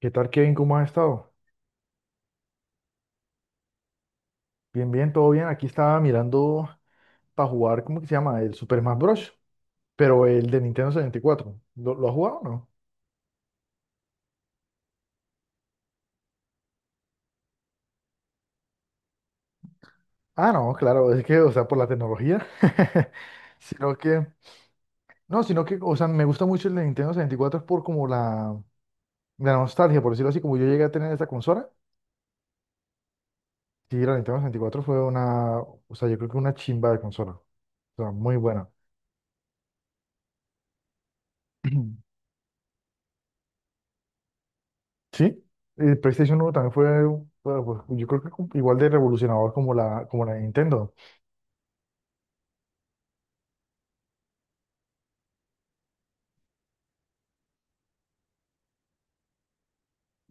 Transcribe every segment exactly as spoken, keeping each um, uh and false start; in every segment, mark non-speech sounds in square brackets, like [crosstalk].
¿Qué tal, Kevin? ¿Cómo has estado? Bien, bien, todo bien. Aquí estaba mirando para jugar, ¿cómo que se llama? El Super Smash Bros. Pero el de Nintendo sesenta y cuatro. ¿Lo, lo has jugado o no? Ah, no, claro, es que, o sea, por la tecnología. [laughs] Sino que, no, sino que, o sea, me gusta mucho el de Nintendo sesenta y cuatro es por como la, la nostalgia, por decirlo así, como yo llegué a tener esa consola. Sí, la Nintendo sesenta y cuatro fue una, o sea, yo creo que una chimba de consola. O sea, muy buena. [clears throat] Sí, el PlayStation uno también fue, bueno, pues, yo creo que como- igual de revolucionador como la, como la de Nintendo. [clears throat]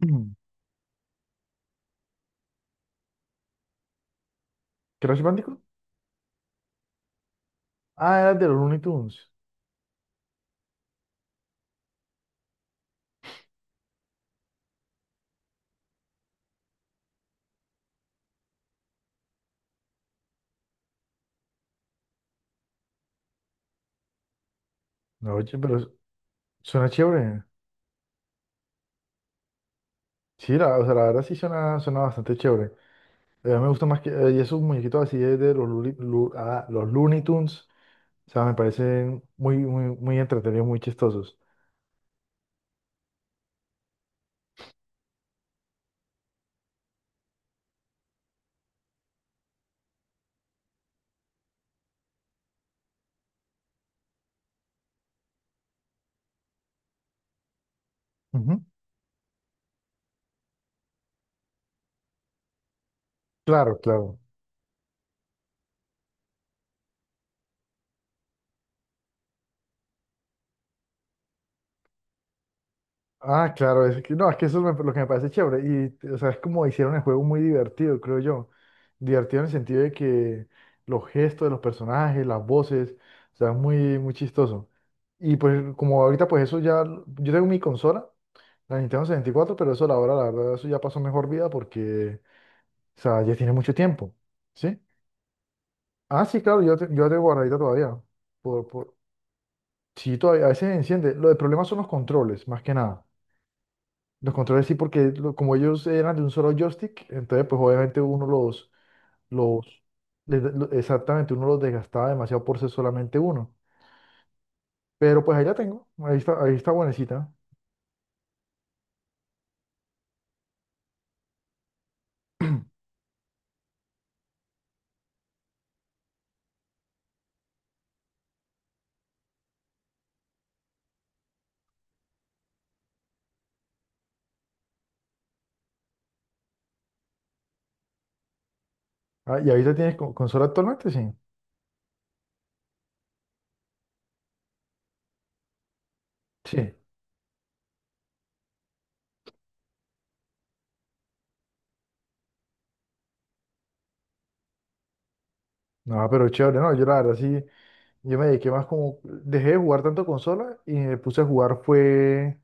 Mm. ¿Crash Bandicoot? Ah, era de los Looney Tunes. No, oye, pero suena chévere. Sí, la, o sea, la verdad sí suena, suena bastante chévere. Eh, me gusta más que eh, y esos muñequitos así de, de los, Looney- Lu- ah, los Looney Tunes. O sea, me parecen muy, muy, muy entretenidos, muy chistosos. Ujú. Claro, claro. Ah, claro, es que, no, es que eso es lo lo que me parece chévere. Y, o sea, es como hicieron el juego muy divertido, creo yo. Divertido en el sentido de que los gestos de los personajes, las voces, o sea, es muy, muy chistoso. Y pues, como ahorita, pues eso ya. Yo tengo mi consola, la Nintendo sesenta y cuatro, pero eso, a la hora, la verdad, eso ya pasó mejor vida porque, o sea, ya tiene mucho tiempo, ¿sí? Ah, sí, claro, yo, te- yo la tengo guardadita todavía. Por, por... Sí, todavía, a veces enciende. Lo del problema son los controles, más que nada. Los controles sí, porque lo- como ellos eran de un solo joystick, entonces pues obviamente uno los, los, les da- lo- exactamente, uno los desgastaba demasiado por ser solamente uno. Pero pues ahí la tengo, ahí está, ahí está buenecita. Ah, ¿y ahí la tienes con, consola actualmente? Sí. Sí. No, pero chévere, no, yo la verdad sí, yo me dediqué más como, dejé de jugar tanto consola y me puse a jugar fue,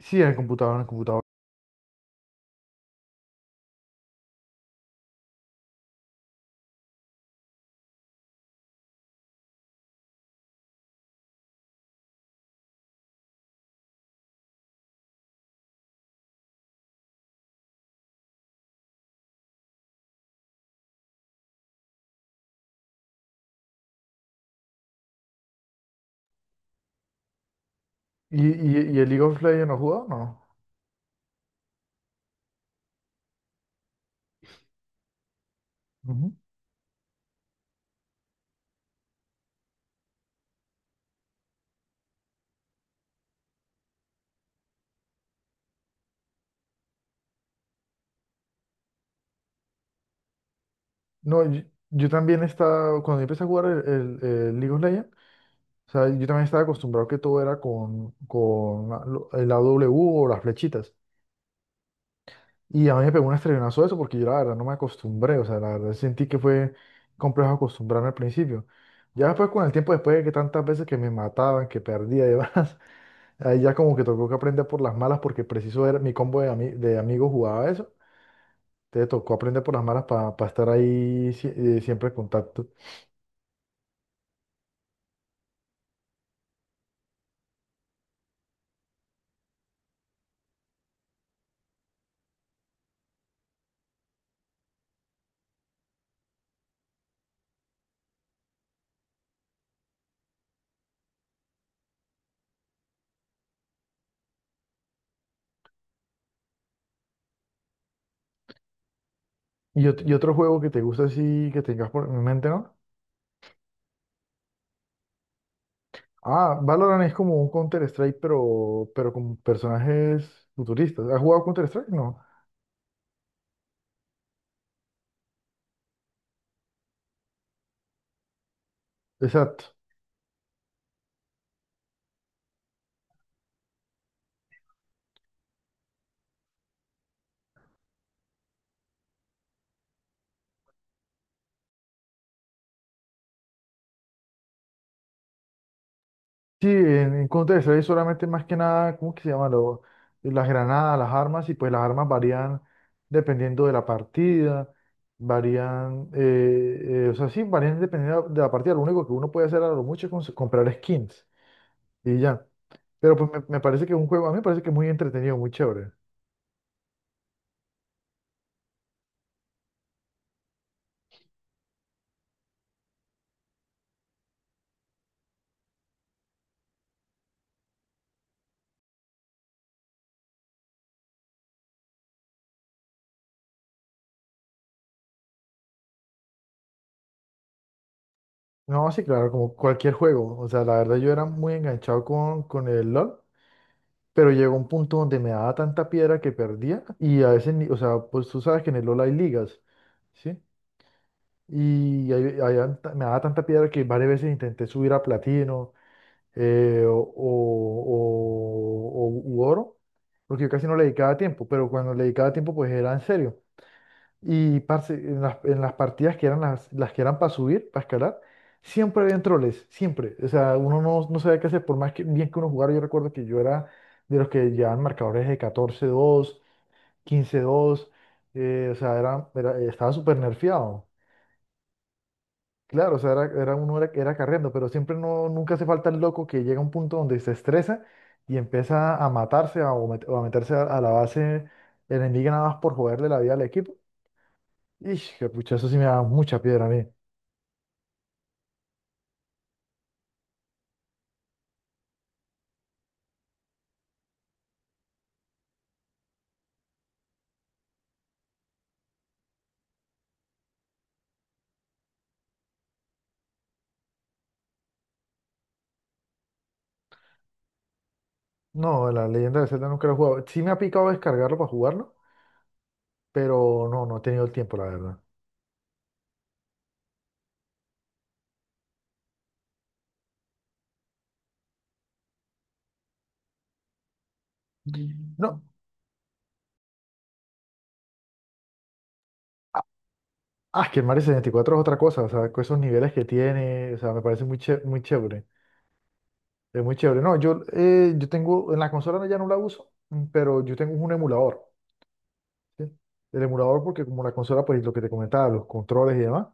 sí, en el computador, en el computador. ¿Y, y, y el League of Legends no has jugado? No. Ujú. No, yo, yo también estaba, cuando yo empecé a jugar el, el el League of Legends, O sea, yo también estaba acostumbrado que todo era con, con la, lo- el A W o las flechitas. Y a mí me pegó un estrellazo eso porque yo la verdad no me acostumbré. O sea, la verdad sentí que fue complejo acostumbrarme al principio. Ya después con el tiempo, después de que tantas veces que me mataban, que perdía y demás, [laughs] ahí ya como que tocó que aprender por las malas porque preciso era mi combo de, ami- de amigos jugaba eso. Te tocó aprender por las malas para estar ahí sie- eh, siempre en contacto. Y, ot- y otro juego que te gusta así, que tengas por en mente, ¿no? Ah, Valorant es como un Counter-Strike, pero, pero con personajes futuristas. ¿Has jugado Counter-Strike? No. Exacto. Sí, en, en Counter-Strike solamente más que nada, ¿cómo que se llama? Lo- las granadas, las armas, y pues las armas varían dependiendo de la partida, varían, eh, eh, o sea, sí, varían dependiendo de la partida. Lo único que uno puede hacer a lo mucho es cons- comprar skins y ya. Pero pues me, me parece que es un juego, a mí me parece que es muy entretenido, muy chévere. No, sí, claro, como cualquier juego. O sea, la verdad yo era muy enganchado con, con el LOL, pero llegó un punto donde me daba tanta piedra que perdía y a veces, ni- o sea, pues tú sabes que en el LOL hay ligas, ¿sí? Y ahí- ahí an- me daba tanta piedra que varias veces intenté subir a platino eh, o, o, o- o- u oro, porque yo casi no le dedicaba tiempo, pero cuando le dedicaba tiempo pues era en serio. Y parce, en las, en las partidas que eran las, las que eran para subir, para escalar, siempre habían troles, siempre. O sea, uno no, no sabía qué hacer, por más que, bien que uno jugara. Yo recuerdo que yo era de los que llevaban marcadores de catorce dos quince dos eh, o sea, era, era- estaba súper nerfeado. Claro, o sea, era, era uno era, era carriendo, pero siempre no, nunca hace falta el loco que llega a un punto donde se estresa y empieza a matarse a- o, met- o a meterse a, a la base enemiga nada más por joderle la vida al equipo. Ish, que pucha, eso sí me da mucha piedra a mí. No, la leyenda de Zelda nunca lo he jugado. Sí me ha picado descargarlo para jugarlo, pero no, no he tenido el tiempo, la verdad. Mm. No, ah, ah, es que el Mario sesenta y cuatro es otra cosa, o sea, con esos niveles que tiene, o sea, me parece muy, ché muy chévere. Es muy chévere. No, yo, eh, yo tengo, en la consola ya no la uso, mm, pero yo tengo un emulador, ¿sí? El emulador porque como la consola, pues lo que te comentaba, los controles y demás.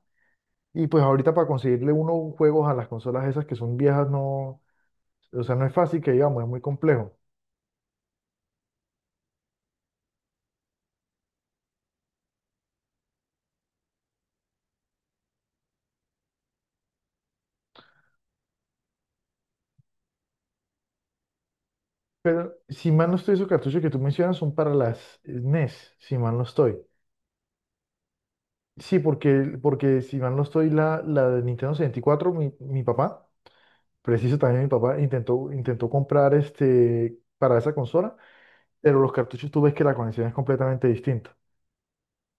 Y pues ahorita para conseguirle unos juegos a las consolas esas que son viejas, no, o sea, no es fácil que digamos, es muy complejo. Si mal no estoy, esos cartuchos que tú mencionas son para las eh, NES, si mal no estoy. Sí, porque, porque si mal no estoy, la, la de Nintendo sesenta y cuatro, mi, mi papá, preciso también mi papá, intentó, intentó comprar este, para esa consola, pero los cartuchos tú ves que la conexión es completamente distinta.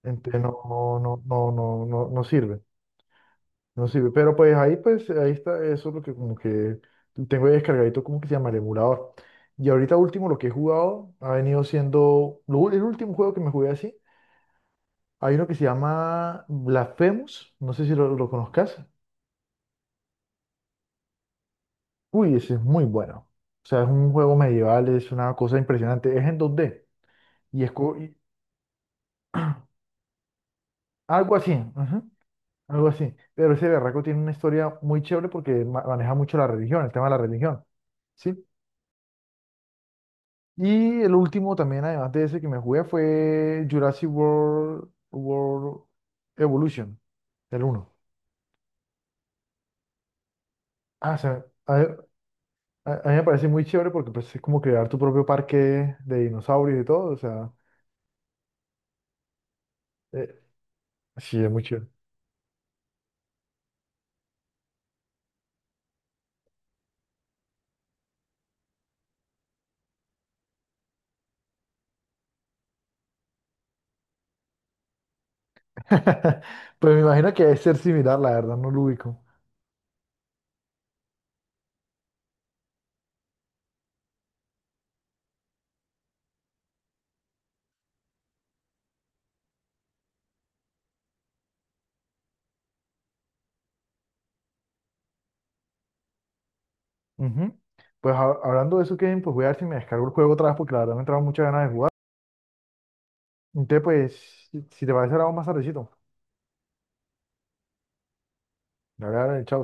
Entonces no, no, no, no, no, no, no sirve, no sirve. Pero pues ahí, pues, ahí está, eso es lo que como que tengo ahí descargadito, como que se llama el emulador. Y ahorita último, lo que he jugado ha venido siendo, lo- ul- el último juego que me jugué así. Hay uno que se llama Blasphemous, no sé si lo, lo conozcas. Uy, ese es muy bueno. O sea, es un juego medieval, es una cosa impresionante. Es en dos D y es co- y- algo así, ajá, algo así. Pero ese berraco tiene una historia muy chévere porque ma- maneja mucho la religión, el tema de la religión, ¿sí? Y el último también, además de ese que me jugué, fue Jurassic World, World Evolution, el uno. Ah, se me- a- A, a mí me parece muy chévere porque pues, es como crear tu propio parque de dinosaurios y todo. O sea, eh, sí, es muy chévere. [laughs] Pues me imagino que debe ser similar, la verdad, no lo ubico. Ujú. Pues ha- hablando de eso, Kevin, pues voy a ver si me descargo el juego otra vez porque la verdad me entraron muchas ganas de jugar. Entonces, pues, si, si te parece, ahora vamos más tardecito. Dale, dale, chao.